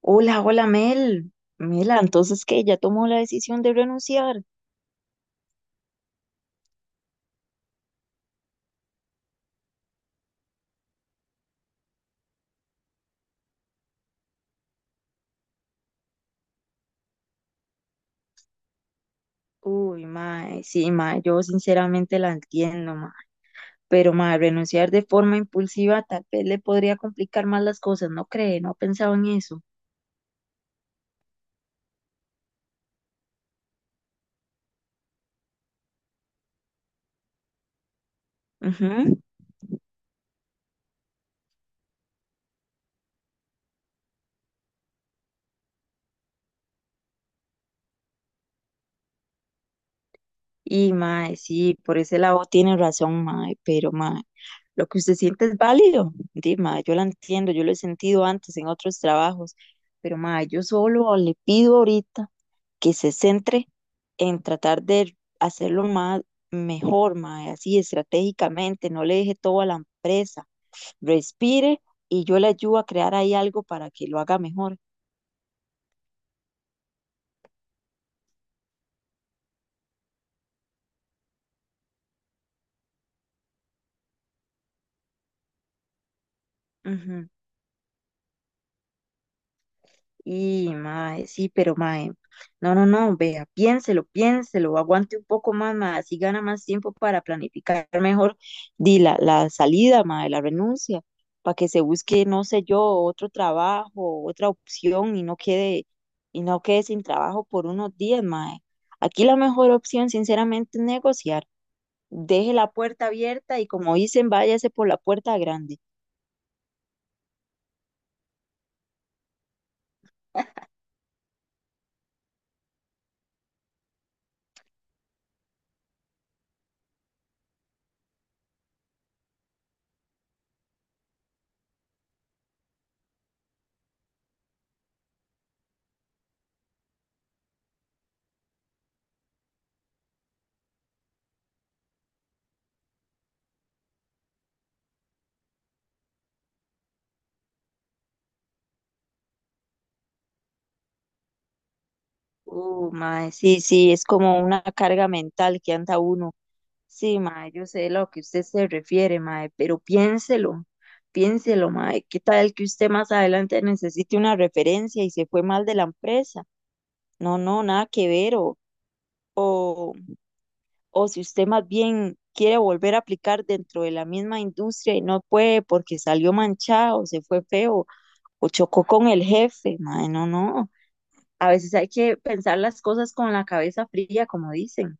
Hola, hola Mel. Mela, entonces que ya tomó la decisión de renunciar. Uy, mae, sí, mae, yo sinceramente la entiendo, mae. Pero mae, renunciar de forma impulsiva tal vez le podría complicar más las cosas, ¿no cree? ¿No ha pensado en eso? Ujú. Y mae, sí, por ese lado tiene razón, mae, pero mae, lo que usted siente es válido. Di, mae, yo la entiendo, yo lo he sentido antes en otros trabajos, pero mae, yo solo le pido ahorita que se centre en tratar de hacerlo más mejor, mae, así estratégicamente, no le deje todo a la empresa. Respire y yo le ayudo a crear ahí algo para que lo haga mejor. Y, mae, sí, pero mae, no, no, no, vea, piénselo, piénselo, aguante un poco más, mae, así gana más tiempo para planificar mejor di, la salida, mae, la renuncia, para que se busque, no sé yo, otro trabajo, otra opción y no quede sin trabajo por unos días, mae. Aquí la mejor opción, sinceramente, es negociar. Deje la puerta abierta y como dicen, váyase por la puerta grande. Mae, sí, sí, es como una carga mental que anda uno. Sí, mae, yo sé lo que usted se refiere, mae, pero piénselo, piénselo, mae, ¿qué tal que usted más adelante necesite una referencia y se fue mal de la empresa? No, no, nada que ver, o, o si usted más bien quiere volver a aplicar dentro de la misma industria y no puede porque salió manchado, se fue feo, o chocó con el jefe, mae, no, no, a veces hay que pensar las cosas con la cabeza fría, como dicen.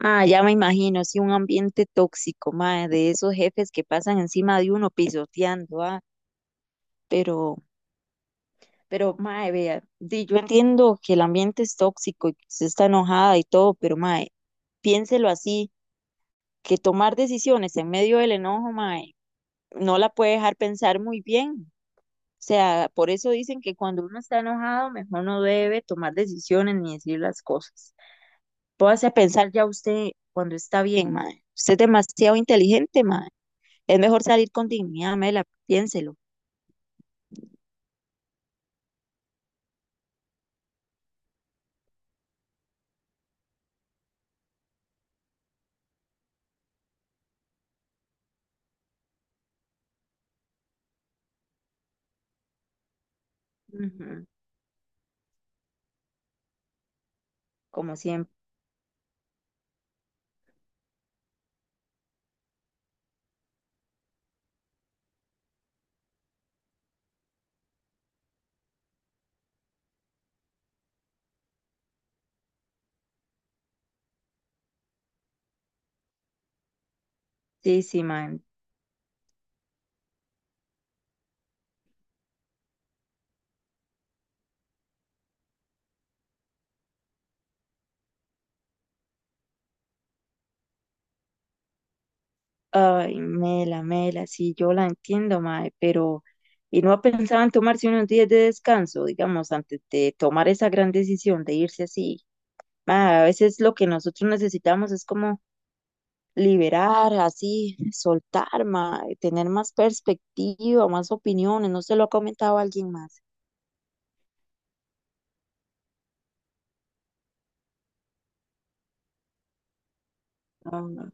Ah, ya me imagino, sí, un ambiente tóxico, mae, de esos jefes que pasan encima de uno pisoteando, ah, pero, pero, mae, vea, di, yo entiendo que el ambiente es tóxico y que usted está enojada y todo, pero, mae, piénselo así, que tomar decisiones en medio del enojo, mae, no la puede dejar pensar muy bien. O sea, por eso dicen que cuando uno está enojado, mejor no debe tomar decisiones ni decir las cosas. Póngase a pensar ya usted cuando está bien, mae. Usted es demasiado inteligente, mae. Es mejor salir con dignidad, Mela, piénselo. Ujú. Como siempre. Sí, sí, mae. Ay, Mela, Mela, sí, yo la entiendo, mae, pero ¿y no pensaban tomarse unos días de descanso, digamos, antes de tomar esa gran decisión de irse así? Mae, a veces lo que nosotros necesitamos es como liberar, así, soltar más, tener más perspectiva, más opiniones, ¿no se lo ha comentado alguien más? No, no.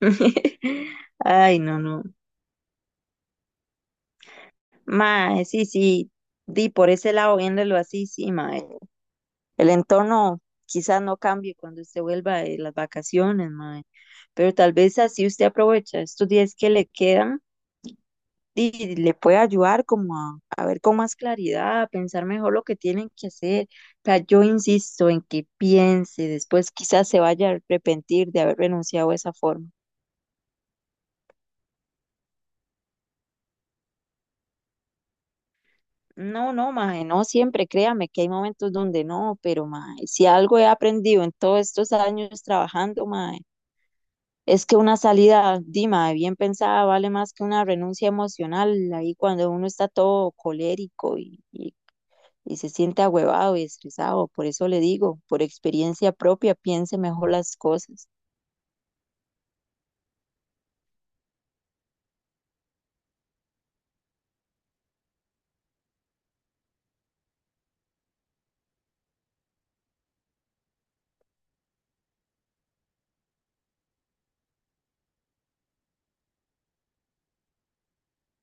Ay, no, no. Mae, sí, sí, di por ese lado, viéndolo así, sí, mae. El entorno quizás no cambie cuando usted vuelva de las vacaciones, mae, pero tal vez así usted aprovecha estos días que le quedan y le puede ayudar como a, ver con más claridad, a pensar mejor lo que tienen que hacer. O sea, yo insisto en que piense, después quizás se vaya a arrepentir de haber renunciado de esa forma. No, no, maje, no siempre, créame que hay momentos donde no, pero maje, si algo he aprendido en todos estos años trabajando, maje, es que una salida, dima, bien pensada vale más que una renuncia emocional ahí cuando uno está todo colérico y se siente ahuevado y estresado. Por eso le digo, por experiencia propia, piense mejor las cosas.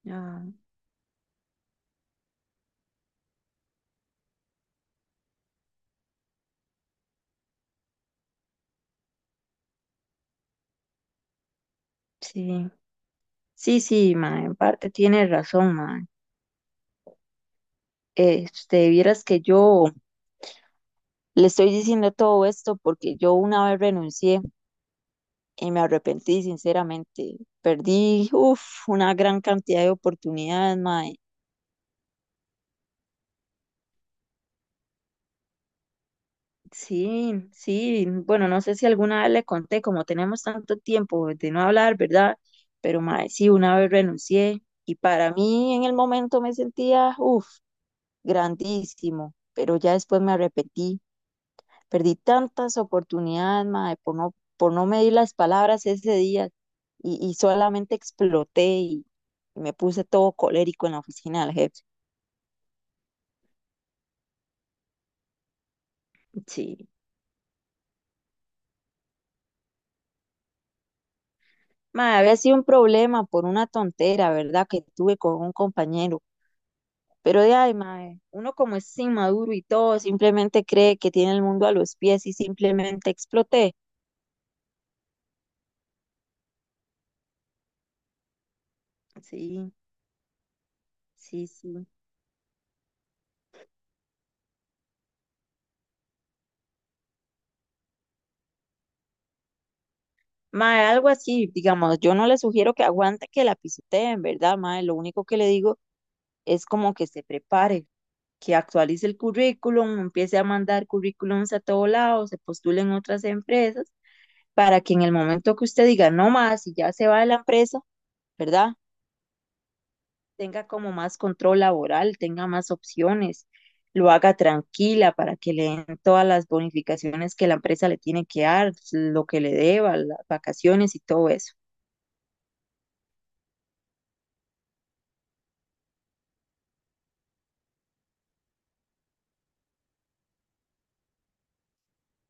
Ah, sí. Sí, sí, ma, en parte tiene razón, ma. Vieras que yo le estoy diciendo todo esto porque yo una vez renuncié y me arrepentí sinceramente. Perdí, uf, una gran cantidad de oportunidades, ma. Sí, sí, bueno, no sé si alguna vez le conté, como tenemos tanto tiempo de no hablar, ¿verdad? Pero mae, sí, una vez renuncié y para mí en el momento me sentía, uff, grandísimo, pero ya después me arrepentí, perdí tantas oportunidades, mae, por no medir las palabras ese día y solamente exploté y me puse todo colérico en la oficina del jefe. Sí, mae, había sido un problema por una tontera, ¿verdad? Que tuve con un compañero. Pero de ahí, mae, uno como es inmaduro y todo, simplemente cree que tiene el mundo a los pies y simplemente exploté. Sí, sí, sí. Mae, algo así, digamos, yo no le sugiero que aguante que la pisoteen, ¿verdad, mae? Lo único que le digo es como que se prepare, que actualice el currículum, empiece a mandar currículums a todos lados, se postule en otras empresas, para que en el momento que usted diga, no más, y ya se va de la empresa, ¿verdad? Tenga como más control laboral, tenga más opciones, lo haga tranquila para que le den todas las bonificaciones que la empresa le tiene que dar, lo que le deba, las vacaciones y todo eso.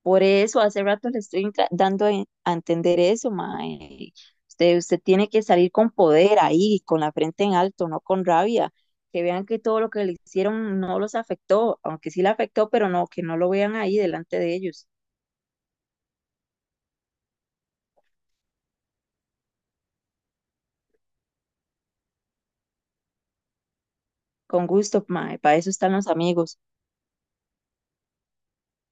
Por eso hace rato le estoy dando a entender eso, mae. Usted tiene que salir con poder ahí, con la frente en alto, no con rabia. Que vean que todo lo que le hicieron no los afectó, aunque sí le afectó, pero no, que no lo vean ahí delante de ellos. Con gusto, mae, para eso están los amigos.